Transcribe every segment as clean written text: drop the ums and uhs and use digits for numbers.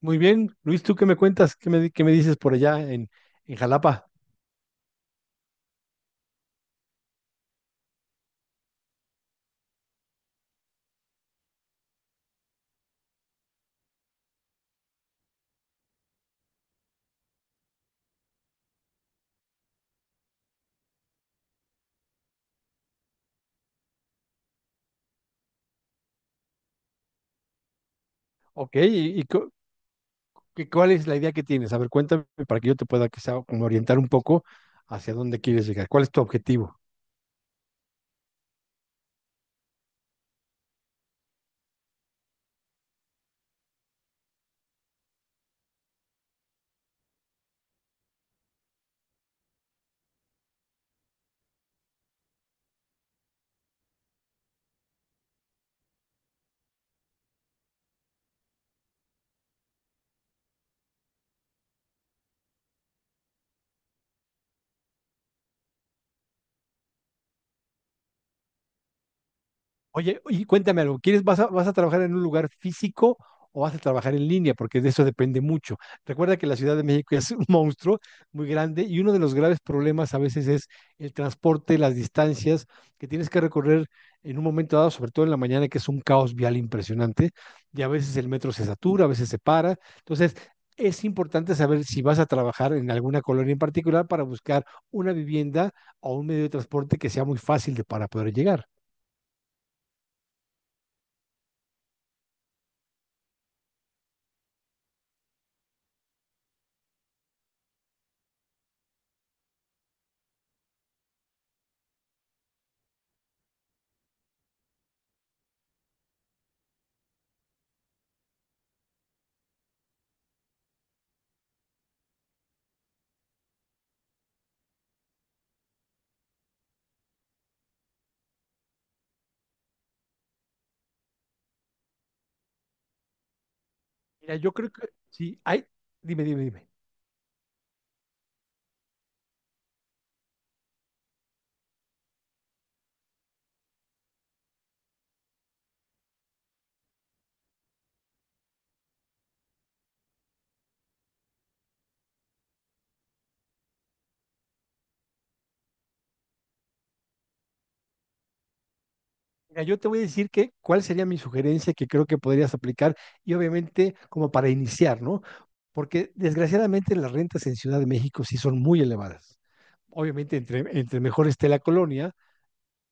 Muy bien, Luis, ¿tú qué me cuentas? ¿Qué me dices por allá en Jalapa? Ok, ¿y, y cuál es la idea que tienes? A ver, cuéntame para que yo te pueda quizá como orientar un poco hacia dónde quieres llegar. ¿Cuál es tu objetivo? Oye, y cuéntame algo, ¿quieres, vas a trabajar en un lugar físico o vas a trabajar en línea? Porque de eso depende mucho. Recuerda que la Ciudad de México es un monstruo muy grande y uno de los graves problemas a veces es el transporte, las distancias que tienes que recorrer en un momento dado, sobre todo en la mañana, que es un caos vial impresionante, y a veces el metro se satura, a veces se para. Entonces, es importante saber si vas a trabajar en alguna colonia en particular para buscar una vivienda o un medio de transporte que sea muy fácil de, para poder llegar. Mira, yo creo que sí, dime, dime, dime. Mira, yo te voy a decir que cuál sería mi sugerencia que creo que podrías aplicar y obviamente como para iniciar, ¿no? Porque desgraciadamente las rentas en Ciudad de México sí son muy elevadas. Obviamente entre mejor esté la colonia,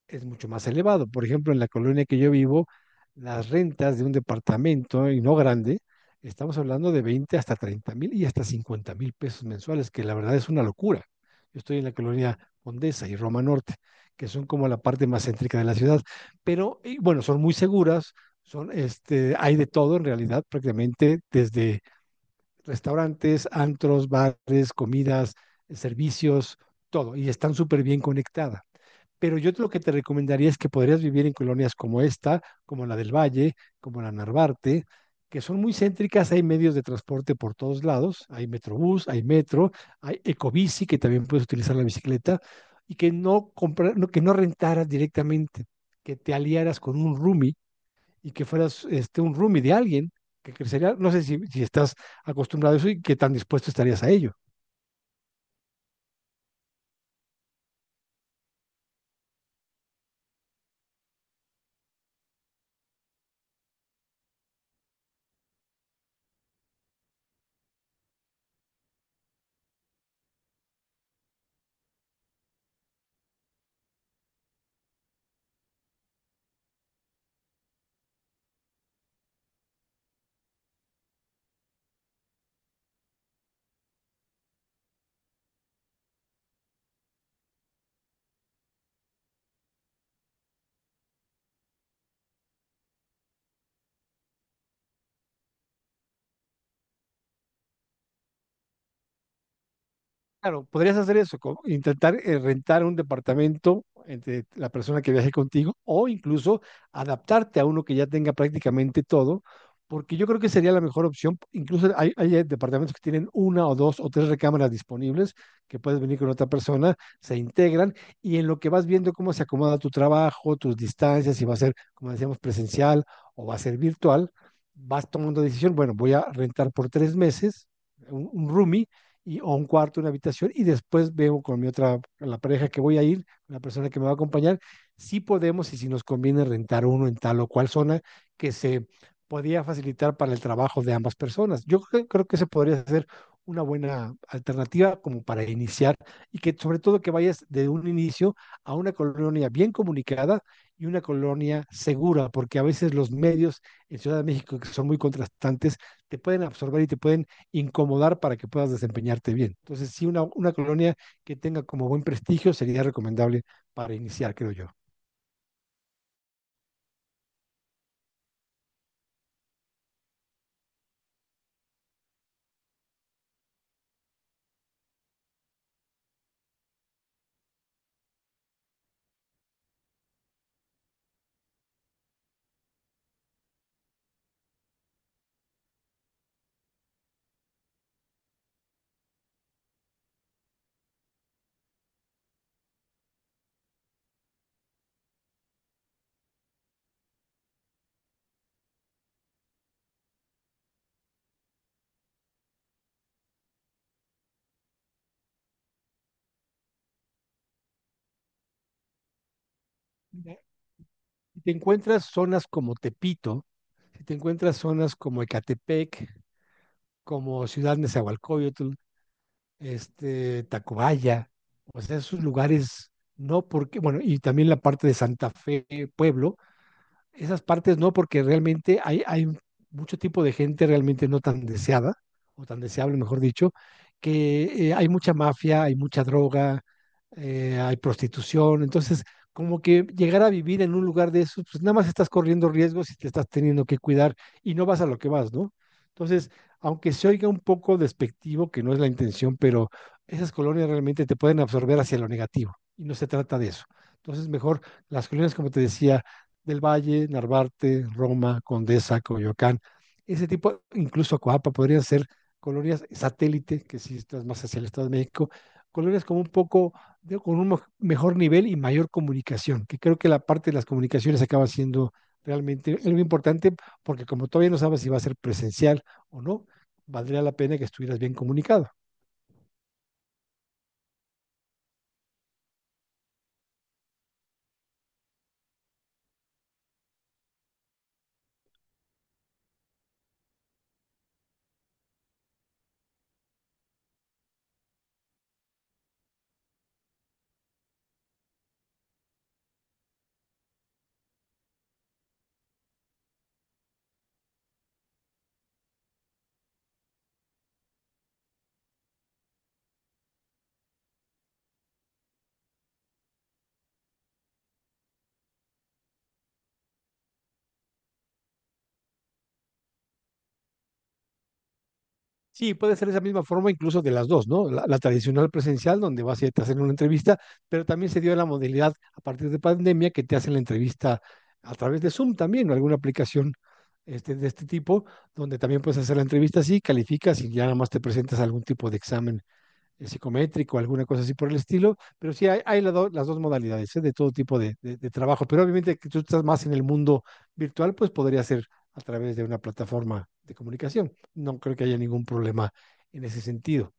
es mucho más elevado. Por ejemplo, en la colonia que yo vivo, las rentas de un departamento, y no grande, estamos hablando de 20 hasta 30 mil y hasta 50 mil pesos mensuales, que la verdad es una locura. Yo estoy en la colonia Condesa y Roma Norte, que son como la parte más céntrica de la ciudad, pero y bueno, son muy seguras, son este, hay de todo en realidad, prácticamente desde restaurantes, antros, bares, comidas, servicios, todo, y están súper bien conectadas pero yo lo que te recomendaría es que podrías vivir en colonias como esta, como la del Valle, como la Narvarte, que son muy céntricas, hay medios de transporte por todos lados, hay metrobús, hay metro, hay ecobici, que también puedes utilizar la bicicleta, y que no, comprar, no- que no rentaras directamente, que te aliaras con un roomie y que fueras este, un roomie de alguien que crecería, no sé si, si estás acostumbrado a eso y qué tan dispuesto estarías a ello. Claro, podrías hacer eso, intentar rentar un departamento entre la persona que viaje contigo o incluso adaptarte a uno que ya tenga prácticamente todo, porque yo creo que sería la mejor opción. Incluso hay departamentos que tienen una o dos o tres recámaras disponibles que puedes venir con otra persona, se integran y en lo que vas viendo cómo se acomoda tu trabajo, tus distancias, si va a ser, como decíamos, presencial o va a ser virtual, vas tomando decisión, bueno, voy a rentar por 3 meses un roomie y, o un cuarto, una habitación, y después veo con mi otra, la pareja que voy a ir, la persona que me va a acompañar, si podemos y si nos conviene rentar uno en tal o cual zona que se podía facilitar para el trabajo de ambas personas. Yo creo, creo que se podría hacer una buena alternativa como para iniciar y que sobre todo que vayas de un inicio a una colonia bien comunicada y una colonia segura, porque a veces los medios en Ciudad de México, que son muy contrastantes, te pueden absorber y te pueden incomodar para que puedas desempeñarte bien. Entonces, sí, una colonia que tenga como buen prestigio sería recomendable para iniciar, creo yo. Ya. Si te encuentras zonas como Tepito, si te encuentras zonas como Ecatepec, como Ciudad Nezahualcóyotl, este, Tacubaya, o sea, esos lugares, no porque, bueno, y también la parte de Santa Fe, Pueblo, esas partes no, porque realmente hay mucho tipo de gente realmente no tan deseada, o tan deseable, mejor dicho, que hay mucha mafia, hay mucha droga, hay prostitución, entonces como que llegar a vivir en un lugar de eso, pues nada más estás corriendo riesgos y te estás teniendo que cuidar y no vas a lo que vas, ¿no? Entonces, aunque se oiga un poco despectivo, que no es la intención, pero esas colonias realmente te pueden absorber hacia lo negativo y no se trata de eso. Entonces, mejor las colonias, como te decía, del Valle, Narvarte, Roma, Condesa, Coyoacán. Ese tipo, incluso Coapa, podrían ser colonias satélite, que si estás más hacia el Estado de México, colonias como un poco, de, con un mejor nivel y mayor comunicación, que creo que la parte de las comunicaciones acaba siendo realmente algo importante, porque como todavía no sabes si va a ser presencial o no, valdría la pena que estuvieras bien comunicado. Sí, puede ser esa misma forma incluso de las dos, ¿no? La tradicional presencial, donde vas y te hacen una entrevista, pero también se dio la modalidad a partir de pandemia que te hacen la entrevista a través de Zoom también, o alguna aplicación este, de este tipo, donde también puedes hacer la entrevista así, calificas y ya nada más te presentas a algún tipo de examen psicométrico, alguna cosa así por el estilo, pero sí hay las dos modalidades ¿eh? De todo tipo de, trabajo, pero obviamente que tú estás más en el mundo virtual, pues podría ser a través de una plataforma de comunicación. No creo que haya ningún problema en ese sentido.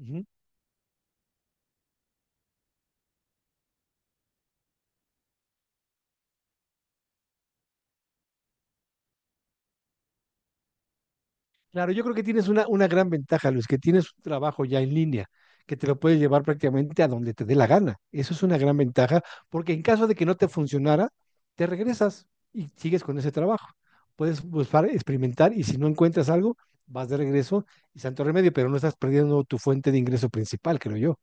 Uh -huh. Claro, yo creo que tienes una gran ventaja, Luis, que tienes un trabajo ya en línea, que te lo puedes llevar prácticamente a donde te dé la gana. Eso es una gran ventaja, porque en caso de que no te funcionara, te regresas y sigues con ese trabajo. Puedes buscar, experimentar y si no encuentras algo, vas de regreso y santo remedio, pero no estás perdiendo tu fuente de ingreso principal, creo yo.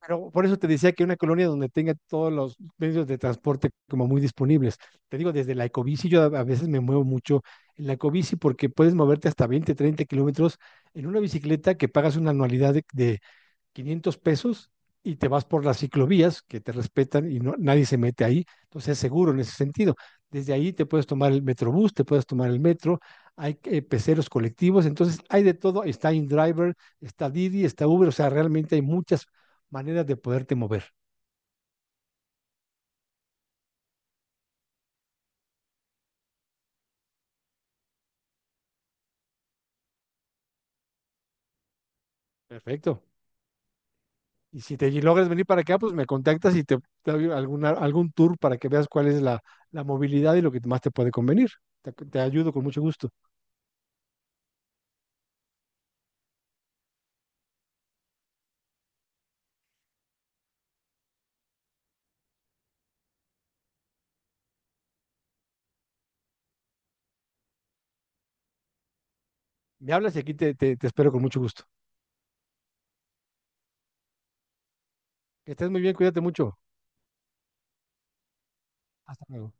Pero por eso te decía que una colonia donde tenga todos los medios de transporte como muy disponibles. Te digo, desde la ecobici, yo a veces me muevo mucho en la ecobici porque puedes moverte hasta 20, 30 kilómetros en una bicicleta que pagas una anualidad de 500 pesos y te vas por las ciclovías que te respetan y no, nadie se mete ahí, entonces es seguro en ese sentido. Desde ahí te puedes tomar el metrobús, te puedes tomar el metro, hay peceros colectivos, entonces hay de todo, está InDriver, está Didi, está Uber, o sea, realmente hay muchas maneras de poderte mover. Perfecto. Y si te logras venir para acá, pues me contactas y te doy alguna, algún tour para que veas cuál es la, la movilidad y lo que más te puede convenir. Te ayudo con mucho gusto. Me hablas y aquí te espero con mucho gusto. Que estés muy bien, cuídate mucho. Hasta luego.